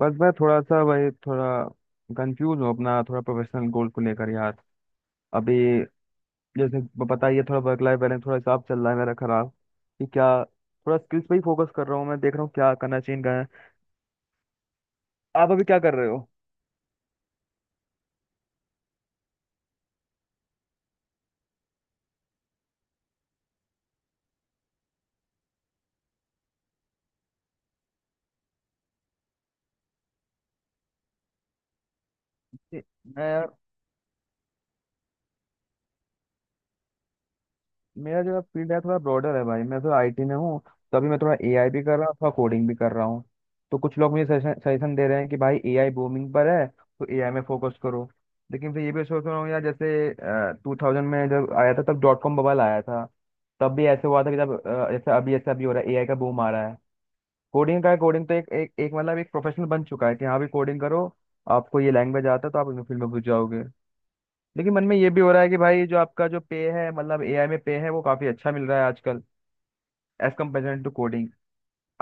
बस मैं थोड़ा सा वही थोड़ा कंफ्यूज हूँ अपना थोड़ा प्रोफेशनल गोल को लेकर यार अभी। जैसे पता ही है थोड़ा वर्क लाइफ बैलेंस थोड़ा हिसाब चल रहा है मेरा खराब। कि क्या थोड़ा स्किल्स पे ही फोकस कर रहा हूँ मैं देख रहा हूँ क्या करना चाहिए क्या नहीं। आप अभी क्या कर रहे हो? मैं मेरा जो फील्ड है थोड़ा ब्रॉडर है भाई मैं थोड़ा आईटी में हूँ। तभी मैं थोड़ा एआई भी कर रहा हूँ थोड़ा कोडिंग भी कर रहा हूँ। तो कुछ लोग मुझे सजेशन दे रहे हैं कि भाई एआई बूमिंग पर है तो एआई में फोकस करो। लेकिन फिर ये भी सोच रहा हूँ यार, जैसे 2000 में जब आया था तब डॉट कॉम बबल आया था। तब भी ऐसे हुआ था कि जब जैसे अभी ऐसा अभी हो रहा है एआई का बूम आ रहा है। कोडिंग का कोडिंग तो एक एक एक मतलब एक प्रोफेशनल बन चुका है कि हाँ भी कोडिंग करो। आपको ये लैंग्वेज आता है तो आप इस फील्ड में घुस जाओगे। लेकिन मन में ये भी हो रहा है कि भाई जो आपका जो पे है मतलब एआई में पे है वो काफी अच्छा मिल रहा है आजकल, एज कम्पेयर टू कोडिंग।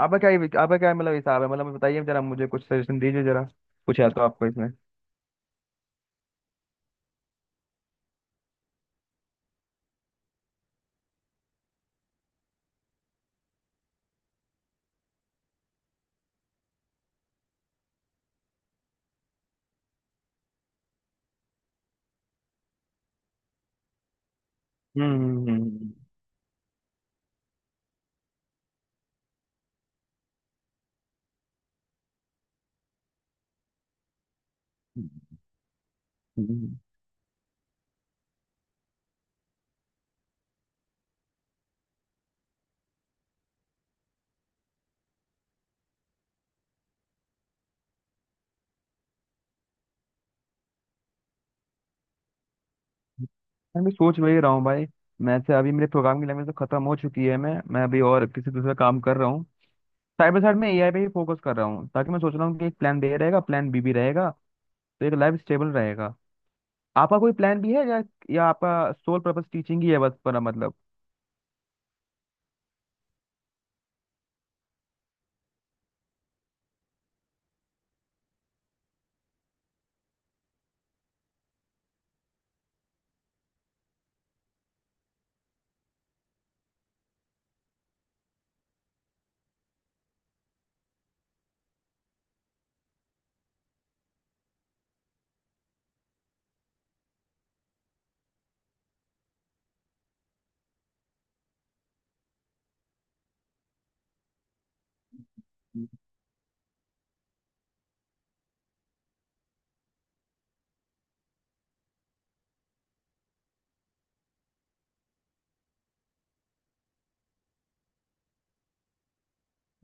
आपका क्या मतलब हिसाब है मतलब बताइए जरा मुझे कुछ सजेशन दीजिए जरा, कुछ है तो आपको इसमें। हम्म हम्म, हम्म, हम्म, हम्म। मैं भी सोच वही रहा हूँ भाई। मैं से अभी मेरे प्रोग्राम की लैंग्वेज तो खत्म हो चुकी है। मैं अभी और किसी दूसरा काम कर रहा हूँ। साइड बाई साइड में एआई पे ही फोकस कर रहा हूँ ताकि मैं सोच रहा हूँ कि एक प्लान बी रहेगा प्लान बी भी रहेगा तो एक लाइफ स्टेबल रहेगा। आपका कोई प्लान भी है या आपका सोल पर्पस टीचिंग ही है बस पर मतलब?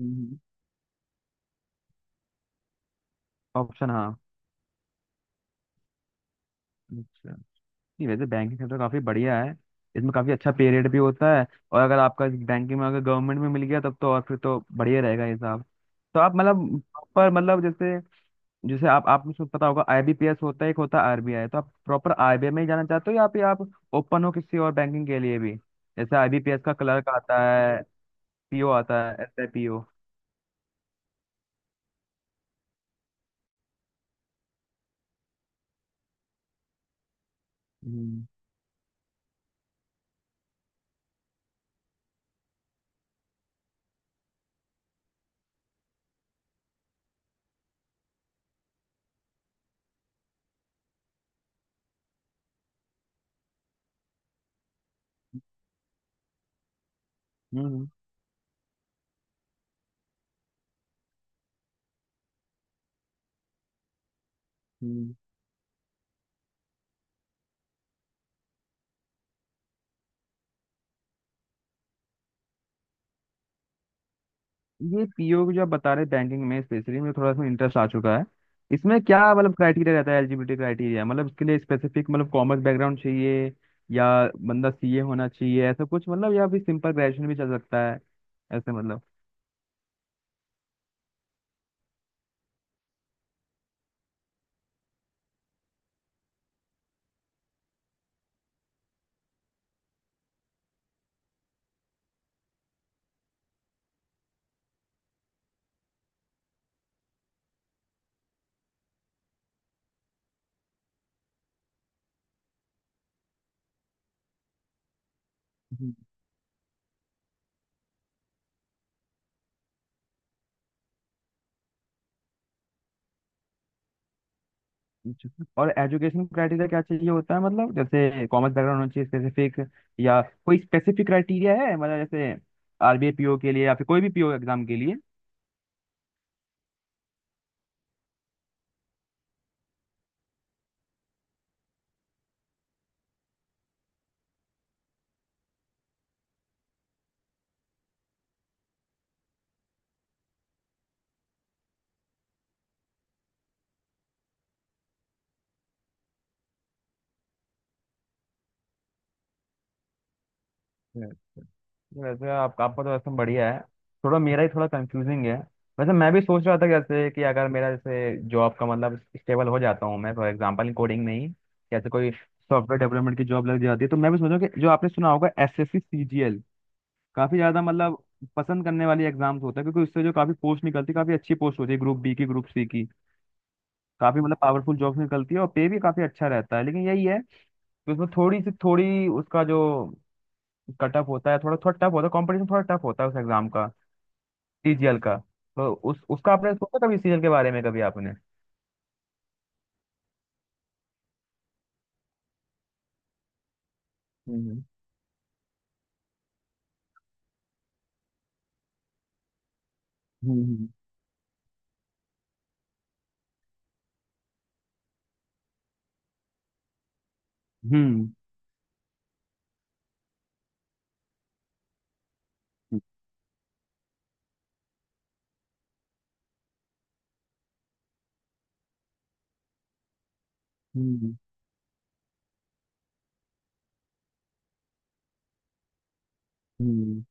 हम्म, ऑप्शन, हाँ। अच्छा। नहीं वैसे बैंकिंग सेक्टर काफी बढ़िया है। इसमें काफी अच्छा पे रेट भी होता है। और अगर आपका बैंकिंग में अगर गवर्नमेंट में मिल गया तब तो और फिर तो बढ़िया रहेगा ये हिसाब। तो आप मतलब प्रॉपर मतलब जैसे जैसे आप आपको सब पता होगा आईबीपीएस होता है एक होता है आरबीआई। तो आप प्रॉपर आरबीआई में ही जाना चाहते हो या फिर आप ओपन हो किसी और बैंकिंग के लिए भी? जैसे आईबीपीएस का क्लर्क आता है, पीओ आता है, एसआईपीओ। हम्म हम्म। ये पीओ जो आप बता रहे बैंकिंग में स्पेशली मुझे थोड़ा सा इंटरेस्ट आ चुका है। इसमें क्या मतलब क्राइटेरिया रहता है एलिजिबिलिटी क्राइटेरिया मतलब इसके लिए स्पेसिफिक मतलब कॉमर्स बैकग्राउंड चाहिए या बंदा सीए होना चाहिए ऐसा कुछ मतलब या फिर सिंपल ग्रेजुएशन भी चल सकता है ऐसे मतलब? हम्म, अच्छा। और एजुकेशन क्राइटेरिया क्या चाहिए होता है मतलब जैसे कॉमर्स बैकग्राउंड होना चाहिए स्पेसिफिक या कोई स्पेसिफिक क्राइटेरिया है मतलब जैसे आरबीए पीओ के लिए या फिर कोई भी पीओ एग्जाम के लिए? वैसे आप आपका तो वैसे बढ़िया है। थोड़ा मेरा ही थोड़ा कंफ्यूजिंग है। वैसे मैं भी सोच रहा था जैसे कि अगर मेरा जैसे जॉब का मतलब स्टेबल हो जाता हूँ मैं फॉर एग्जांपल कोडिंग में ही। जैसे कोई सॉफ्टवेयर डेवलपमेंट की जॉब लग जाती है तो मैं भी सोच रहा हूँ कि जो आपने सुना होगा एसएससी सीजीएल काफी ज्यादा मतलब पसंद करने वाली एग्जाम्स होता है क्योंकि उससे जो काफी पोस्ट निकलती है काफी अच्छी पोस्ट होती है ग्रुप बी की ग्रुप सी की, काफी मतलब पावरफुल जॉब्स निकलती है और पे भी काफी अच्छा रहता है। लेकिन यही है कि उसमें थोड़ी उसका जो कट ऑफ होता है थोड़ा थोड़ा टफ होता है कॉम्पिटिशन थोड़ा टफ होता है उस एग्जाम का, सीजीएल का। तो उस उसका आपने सोचा कभी सीजीएल के बारे में कभी आपने? हम्म हम्म हम्म हम्म हम्म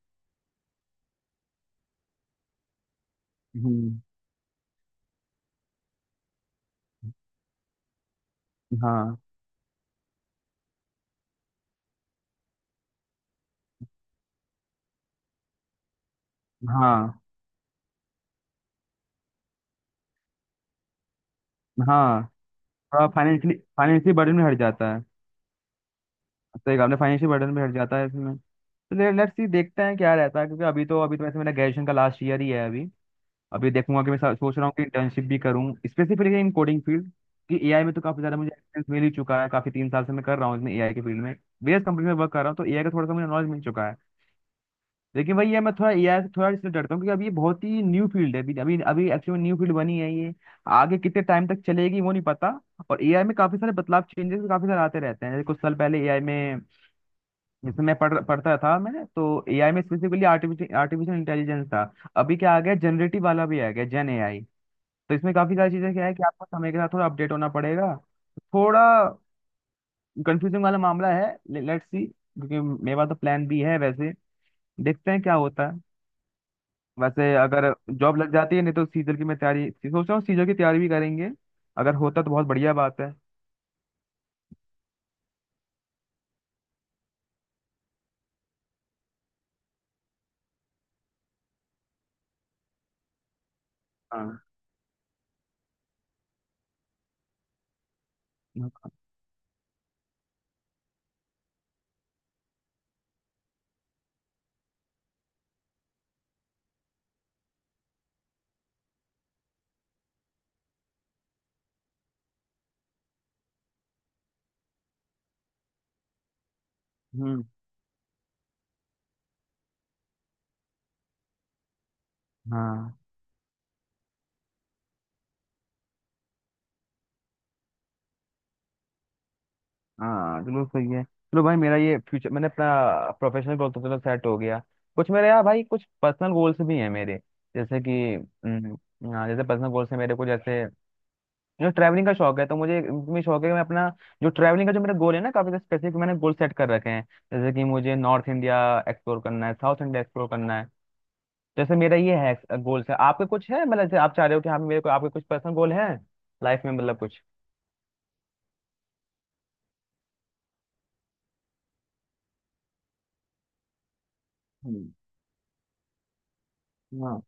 हम्म, हाँ हाँ हाँ। थोड़ा फाइनेंशियल बर्डन भी हट जाता है। सही कहा आपने फाइनेंशियल बर्डन भी हट जाता है इसमें। तो लेट्स सी देखते हैं क्या रहता है क्योंकि अभी तो वैसे मेरा ग्रेजुएशन का लास्ट ईयर ही है अभी। अभी देखूंगा कि मैं सोच रहा हूँ कि इंटर्नशिप भी करूँ स्पेसिफिकली इन कोडिंग फील्ड। कि एआई में तो काफी ज्यादा मुझे एक्सपीरियंस मिल ही चुका है काफी 3 साल से मैं कर रहा हूँ इसमें एआई के फील्ड में वेरियस कंपनी में वर्क कर रहा हूँ तो एआई का थोड़ा सा मुझे नॉलेज मिल चुका है। लेकिन भाई ये मैं थोड़ा एआई से थोड़ा इसलिए डरता हूँ क्योंकि अभी ये बहुत ही न्यू फील्ड है अभी अभी अभी एक्चुअली न्यू फील्ड बनी है ये। आगे कितने टाइम तक चलेगी वो नहीं पता। और एआई में काफी सारे बदलाव चेंजेस भी काफी सारे आते रहते हैं जैसे कुछ साल पहले एआई में जैसे मैं पढ़ता था। मैंने तो एआई में स्पेसिफिकली आर्टिफिशियल आर्टिफिशियल इंटेलिजेंस था। अभी क्या आ गया जनरेटिव वाला भी आ गया जेन एआई। तो इसमें काफी सारी चीजें क्या है कि आपको समय के साथ थोड़ा अपडेट होना पड़ेगा। थोड़ा कंफ्यूजिंग वाला मामला है। लेट्स सी क्योंकि मेरे पास तो प्लान भी है वैसे, देखते हैं क्या होता है। वैसे अगर जॉब लग जाती है नहीं तो सीजल की मैं तैयारी सोच रहा हूँ सीजल की तैयारी भी करेंगे। अगर होता तो बहुत बढ़िया बात है। हाँ। हम्म। हाँ। हाँ। चलो सही है। चलो भाई मेरा ये फ्यूचर मैंने अपना प्रोफेशनल गोल तो चलो सेट हो गया। कुछ मेरे यार भाई कुछ पर्सनल गोल्स भी हैं मेरे जैसे कि। हम्म, हाँ। जैसे पर्सनल गोल्स है मेरे को जैसे मुझे ट्रैवलिंग का शौक है तो मुझे इसमें शौक है कि मैं अपना जो ट्रैवलिंग का जो मेरा गोल है ना काफी स्पेसिफिक मैंने गोल सेट कर रखे हैं जैसे कि मुझे नॉर्थ इंडिया एक्सप्लोर करना है साउथ इंडिया एक्सप्लोर करना है जैसे मेरा ये है गोल्स है। आपके कुछ है मतलब जैसे आप चाह रहे हो कि हाँ मेरे को आपके कुछ पर्सनल गोल हैं लाइफ में मतलब कुछ? हम्म, हाँ।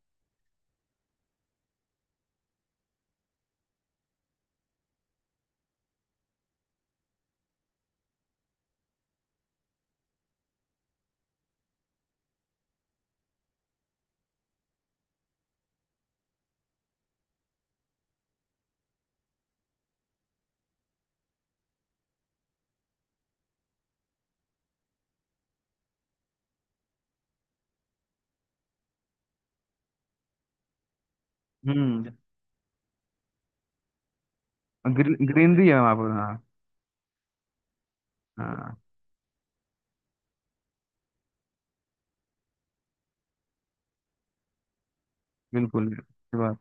हम्म। ग्रीनरी है वहाँ पर, हाँ। हाँ बिल्कुल ये बात।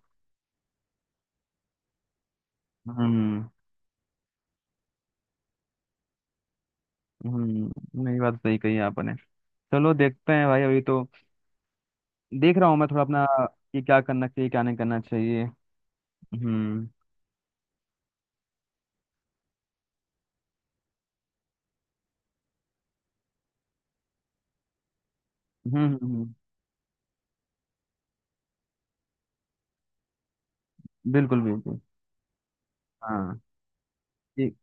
हम्म। नहीं बात सही कही आपने। चलो देखते हैं भाई अभी तो देख रहा हूँ मैं थोड़ा अपना कि क्या करना चाहिए क्या नहीं करना चाहिए। हम्म हम्म। बिल्कुल बिल्कुल। हाँ। ठीक।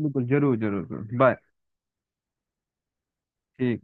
बिल्कुल जरूर जरूर जरूर। बाय। ठीक।